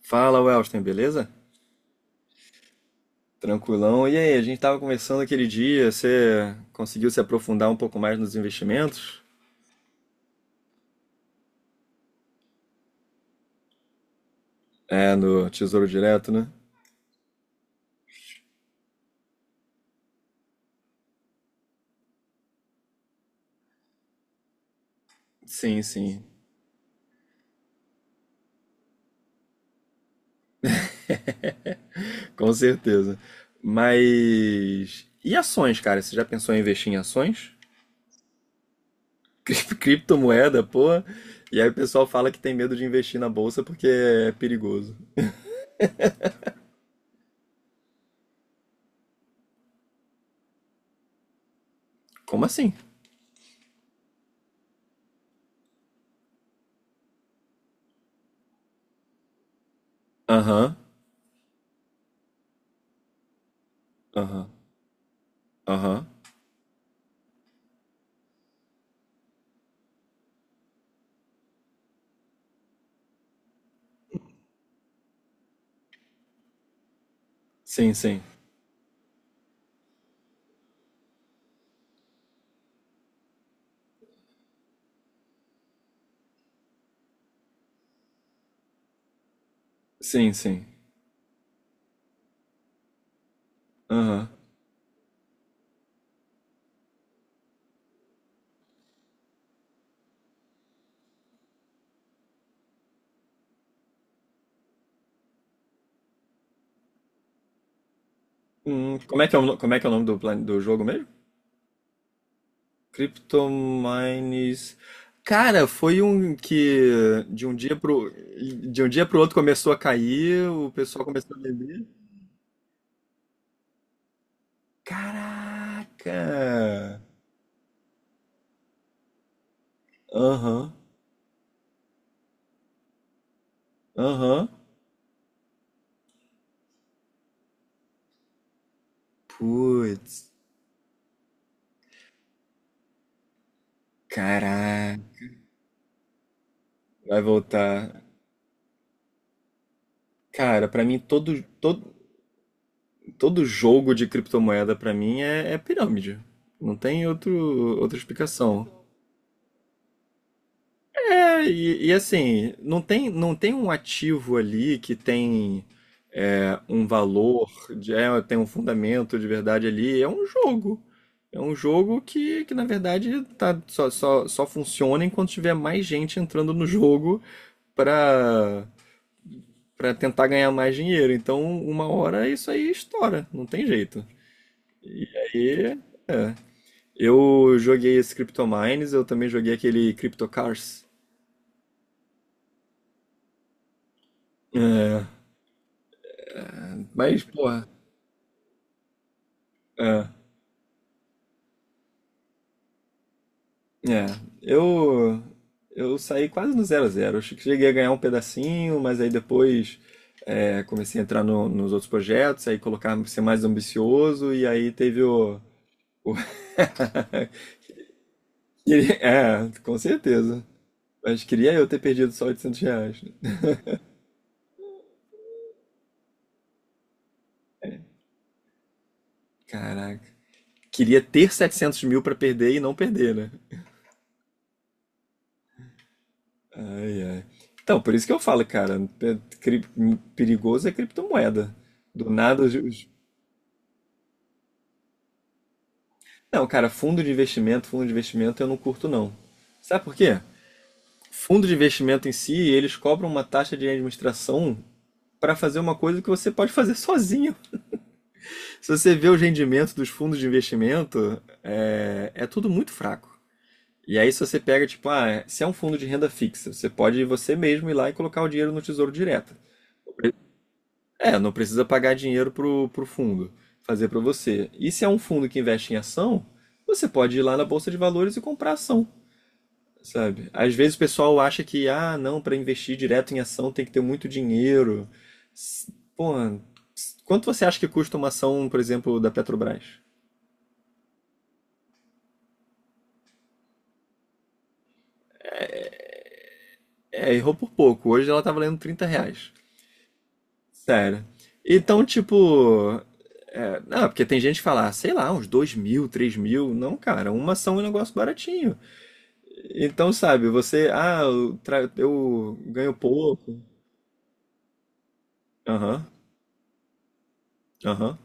Fala, Welston, beleza? Tranquilão. E aí, a gente tava conversando aquele dia, você conseguiu se aprofundar um pouco mais nos investimentos? É, no Tesouro Direto, né? Sim, sim, com certeza. Mas. E ações, cara? Você já pensou em investir em ações? Criptomoeda, porra. E aí o pessoal fala que tem medo de investir na bolsa porque é perigoso. Como assim? Aham, aham, aham. Sim, sim. Sim, sim. Aham. Como é que é o, no- como é que é o nome do jogo mesmo? Cryptomines. Cara, foi um que de um dia pro outro começou a cair, o pessoal começou a vender. Caraca! Aham, aham. Putz, caraca. Vai voltar. Cara, pra mim todo jogo de criptomoeda pra mim é pirâmide. Não tem outro outra explicação. É, e assim, não tem um ativo ali que tem um valor, tem um fundamento de verdade ali. É um jogo. É um jogo que na verdade, tá, só funciona enquanto tiver mais gente entrando no jogo para para tentar ganhar mais dinheiro. Então, uma hora isso aí estoura, não tem jeito. E aí, é. Eu joguei esse Cryptomines, eu também joguei aquele Cryptocars. É, mas, pô. É, é. Eu, eu saí quase no zero a 0. Acho que cheguei a ganhar um pedacinho, mas aí depois comecei a entrar nos outros projetos, aí colocar ser mais ambicioso, e aí teve o- É, com certeza. Mas queria eu ter perdido só R$ 800, né? Caraca. Queria ter 700 mil pra perder e não perder, né? Ai, ai. Então, por isso que eu falo, cara, perigoso é criptomoeda. Do nada, os não, cara, fundo de investimento eu não curto não. Sabe por quê? Fundo de investimento em si, eles cobram uma taxa de administração para fazer uma coisa que você pode fazer sozinho. Se você vê os rendimentos dos fundos de investimento, é tudo muito fraco. E aí, se você pega, tipo, ah, se é um fundo de renda fixa, você pode você mesmo ir lá e colocar o dinheiro no Tesouro Direto. É, não precisa pagar dinheiro pro fundo fazer para você. E se é um fundo que investe em ação, você pode ir lá na Bolsa de Valores e comprar ação. Sabe? Às vezes o pessoal acha que, ah, não, para investir direto em ação tem que ter muito dinheiro. Pô, quanto você acha que custa uma ação, por exemplo, da Petrobras? É, errou por pouco. Hoje ela tá valendo R$ 30. Sério. Então, tipo. É, não, porque tem gente que fala, ah, sei lá, uns 2 mil, 3 mil. Não, cara, uma ação é um negócio baratinho. Então, sabe, você. Ah, eu ganho pouco. Aham, aham.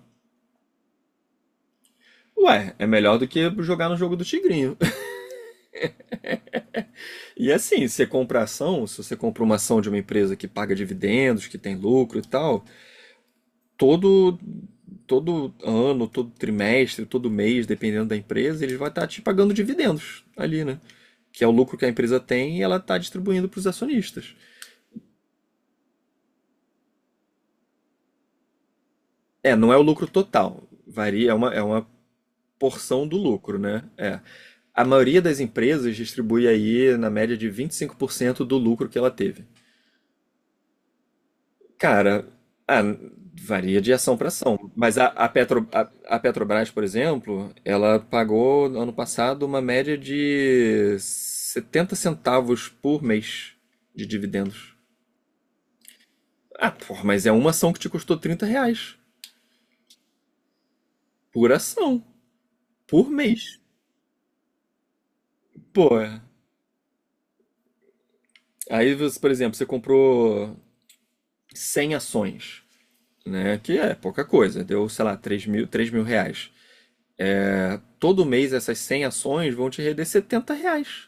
Ué, é melhor do que jogar no jogo do Tigrinho. E assim, você compra ação, se você compra uma ação de uma empresa que paga dividendos, que tem lucro e tal, todo todo ano, todo trimestre, todo mês, dependendo da empresa, eles vão estar te pagando dividendos ali, né? Que é o lucro que a empresa tem e ela está distribuindo para os acionistas. É, não é o lucro total, varia, é uma porção do lucro, né? É. A maioria das empresas distribui aí na média de 25% do lucro que ela teve. Cara, ah, varia de ação para ação. Mas a Petrobras, por exemplo, ela pagou no ano passado uma média de R$ 0,70 por mês de dividendos. Ah, porra, mas é uma ação que te custou R$ 30 por ação, por mês. Pô, aí, você, por exemplo, você comprou 100 ações, né? Que é pouca coisa, deu, sei lá, R$ 3.000. É, todo mês essas 100 ações vão te render R$ 70.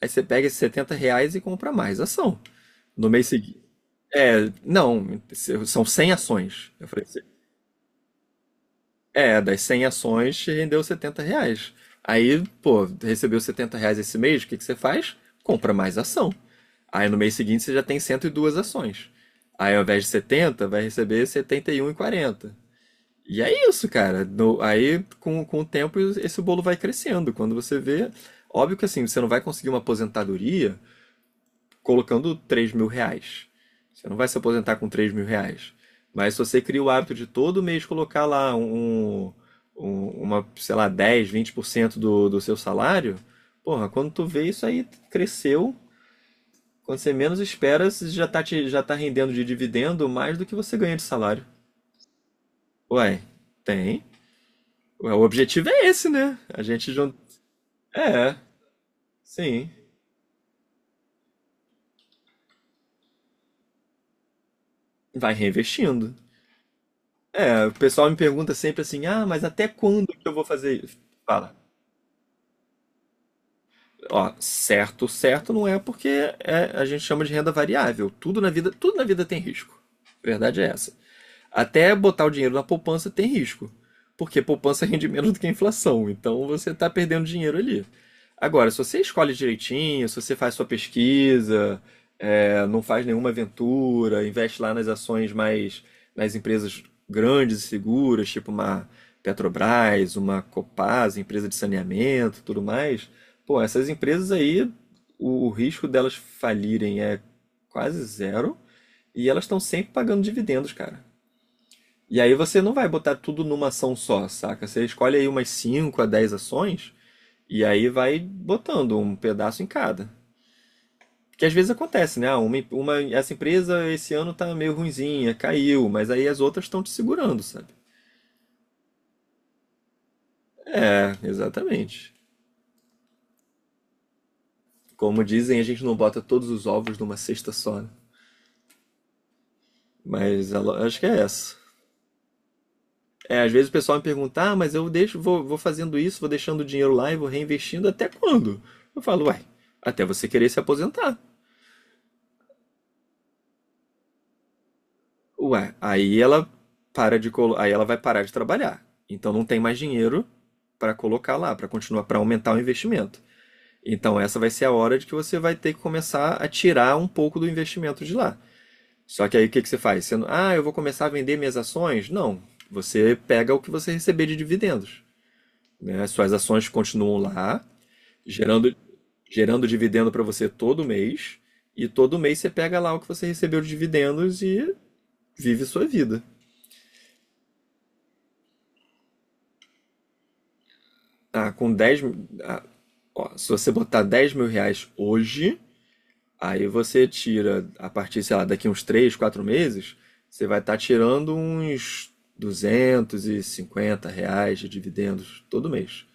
Aí você pega esses R$ 70 e compra mais ação. No mês seguinte. É, não, são 100 ações. Eu falei, assim, das 100 ações rendeu R$ 70. Aí, pô, recebeu R$ 70 esse mês, o que que você faz? Compra mais ação. Aí no mês seguinte você já tem 102 ações. Aí ao invés de 70 vai receber 71,40. E um e quarenta. E é isso, cara. Aí com o tempo esse bolo vai crescendo. Quando você vê, óbvio que assim, você não vai conseguir uma aposentadoria colocando R$ 3.000. Você não vai se aposentar com R$ 3.000. Mas se você cria o hábito de todo mês colocar lá uma, sei lá, dez, vinte por cento do seu salário, porra, quando tu vê isso aí cresceu, quando você menos espera, você já tá rendendo de dividendo mais do que você ganha de salário. Ué, tem. Ué, o objetivo é esse, né? A gente jun-. É, sim. Vai reinvestindo. É, o pessoal me pergunta sempre assim, ah, mas até quando que eu vou fazer isso? Fala. Ó, certo, certo não é porque a gente chama de renda variável. Tudo na vida tem risco. Verdade é essa. Até botar o dinheiro na poupança tem risco, porque poupança rende menos do que a inflação, então você está perdendo dinheiro ali. Agora, se você escolhe direitinho, se você faz sua pesquisa, não faz nenhuma aventura, investe lá nas ações mais, nas empresas grandes e seguras, tipo uma Petrobras, uma Copasa, empresa de saneamento, tudo mais, pô, essas empresas aí, o risco delas falirem é quase zero e elas estão sempre pagando dividendos, cara. E aí você não vai botar tudo numa ação só, saca? Você escolhe aí umas 5 a 10 ações e aí vai botando um pedaço em cada. Que às vezes acontece, né? Ah, essa empresa esse ano tá meio ruinzinha, caiu, mas aí as outras estão te segurando, sabe? É, exatamente. Como dizem, a gente não bota todos os ovos numa cesta só, né? Mas acho que é essa. É, às vezes o pessoal me pergunta, ah, mas eu deixo, vou fazendo isso, vou deixando o dinheiro lá e vou reinvestindo até quando? Eu falo, uai, até você querer se aposentar. Ué, aí ela vai parar de trabalhar. Então não tem mais dinheiro para colocar lá, para continuar, para aumentar o investimento. Então essa vai ser a hora de que você vai ter que começar a tirar um pouco do investimento de lá. Só que aí o que que você faz? Você não, ah, eu vou começar a vender minhas ações? Não. Você pega o que você receber de dividendos, né? As suas ações continuam lá, gerando gerando dividendo para você todo mês, e todo mês você pega lá o que você recebeu de dividendos e vive sua vida. Ah, ó, se você botar R$ 10.000 hoje, aí você tira, a partir, sei lá, daqui uns 3 4 meses, você vai estar tirando uns R$ 250 de dividendos todo mês.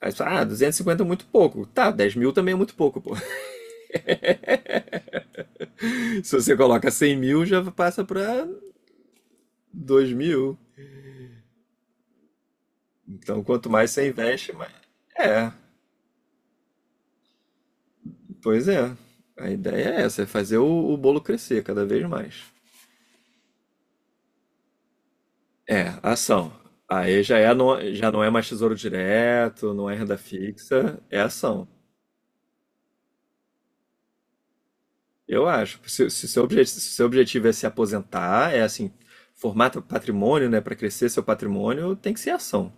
Aí você fala, ah, 250 é muito pouco. Tá, 10 mil também é muito pouco, pô. Se você coloca 100.000, já passa para 2.000. Então, quanto mais você investe, mais. É, pois é. A ideia é essa, é fazer o bolo crescer cada vez mais. É, ação. Aí já é, não, já não é mais tesouro direto, não é renda fixa, é ação. Eu acho. Se seu objetivo é se aposentar, é assim, formar teu patrimônio, né, para crescer seu patrimônio, tem que ser ação.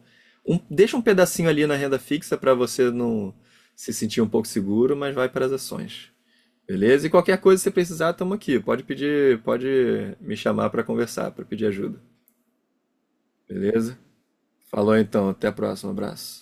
Deixa um pedacinho ali na renda fixa para você não se sentir um pouco seguro, mas vai para as ações. Beleza? E qualquer coisa que você precisar, estamos aqui. Pode pedir, pode me chamar para conversar, para pedir ajuda. Beleza? Falou então, até a próxima, abraço.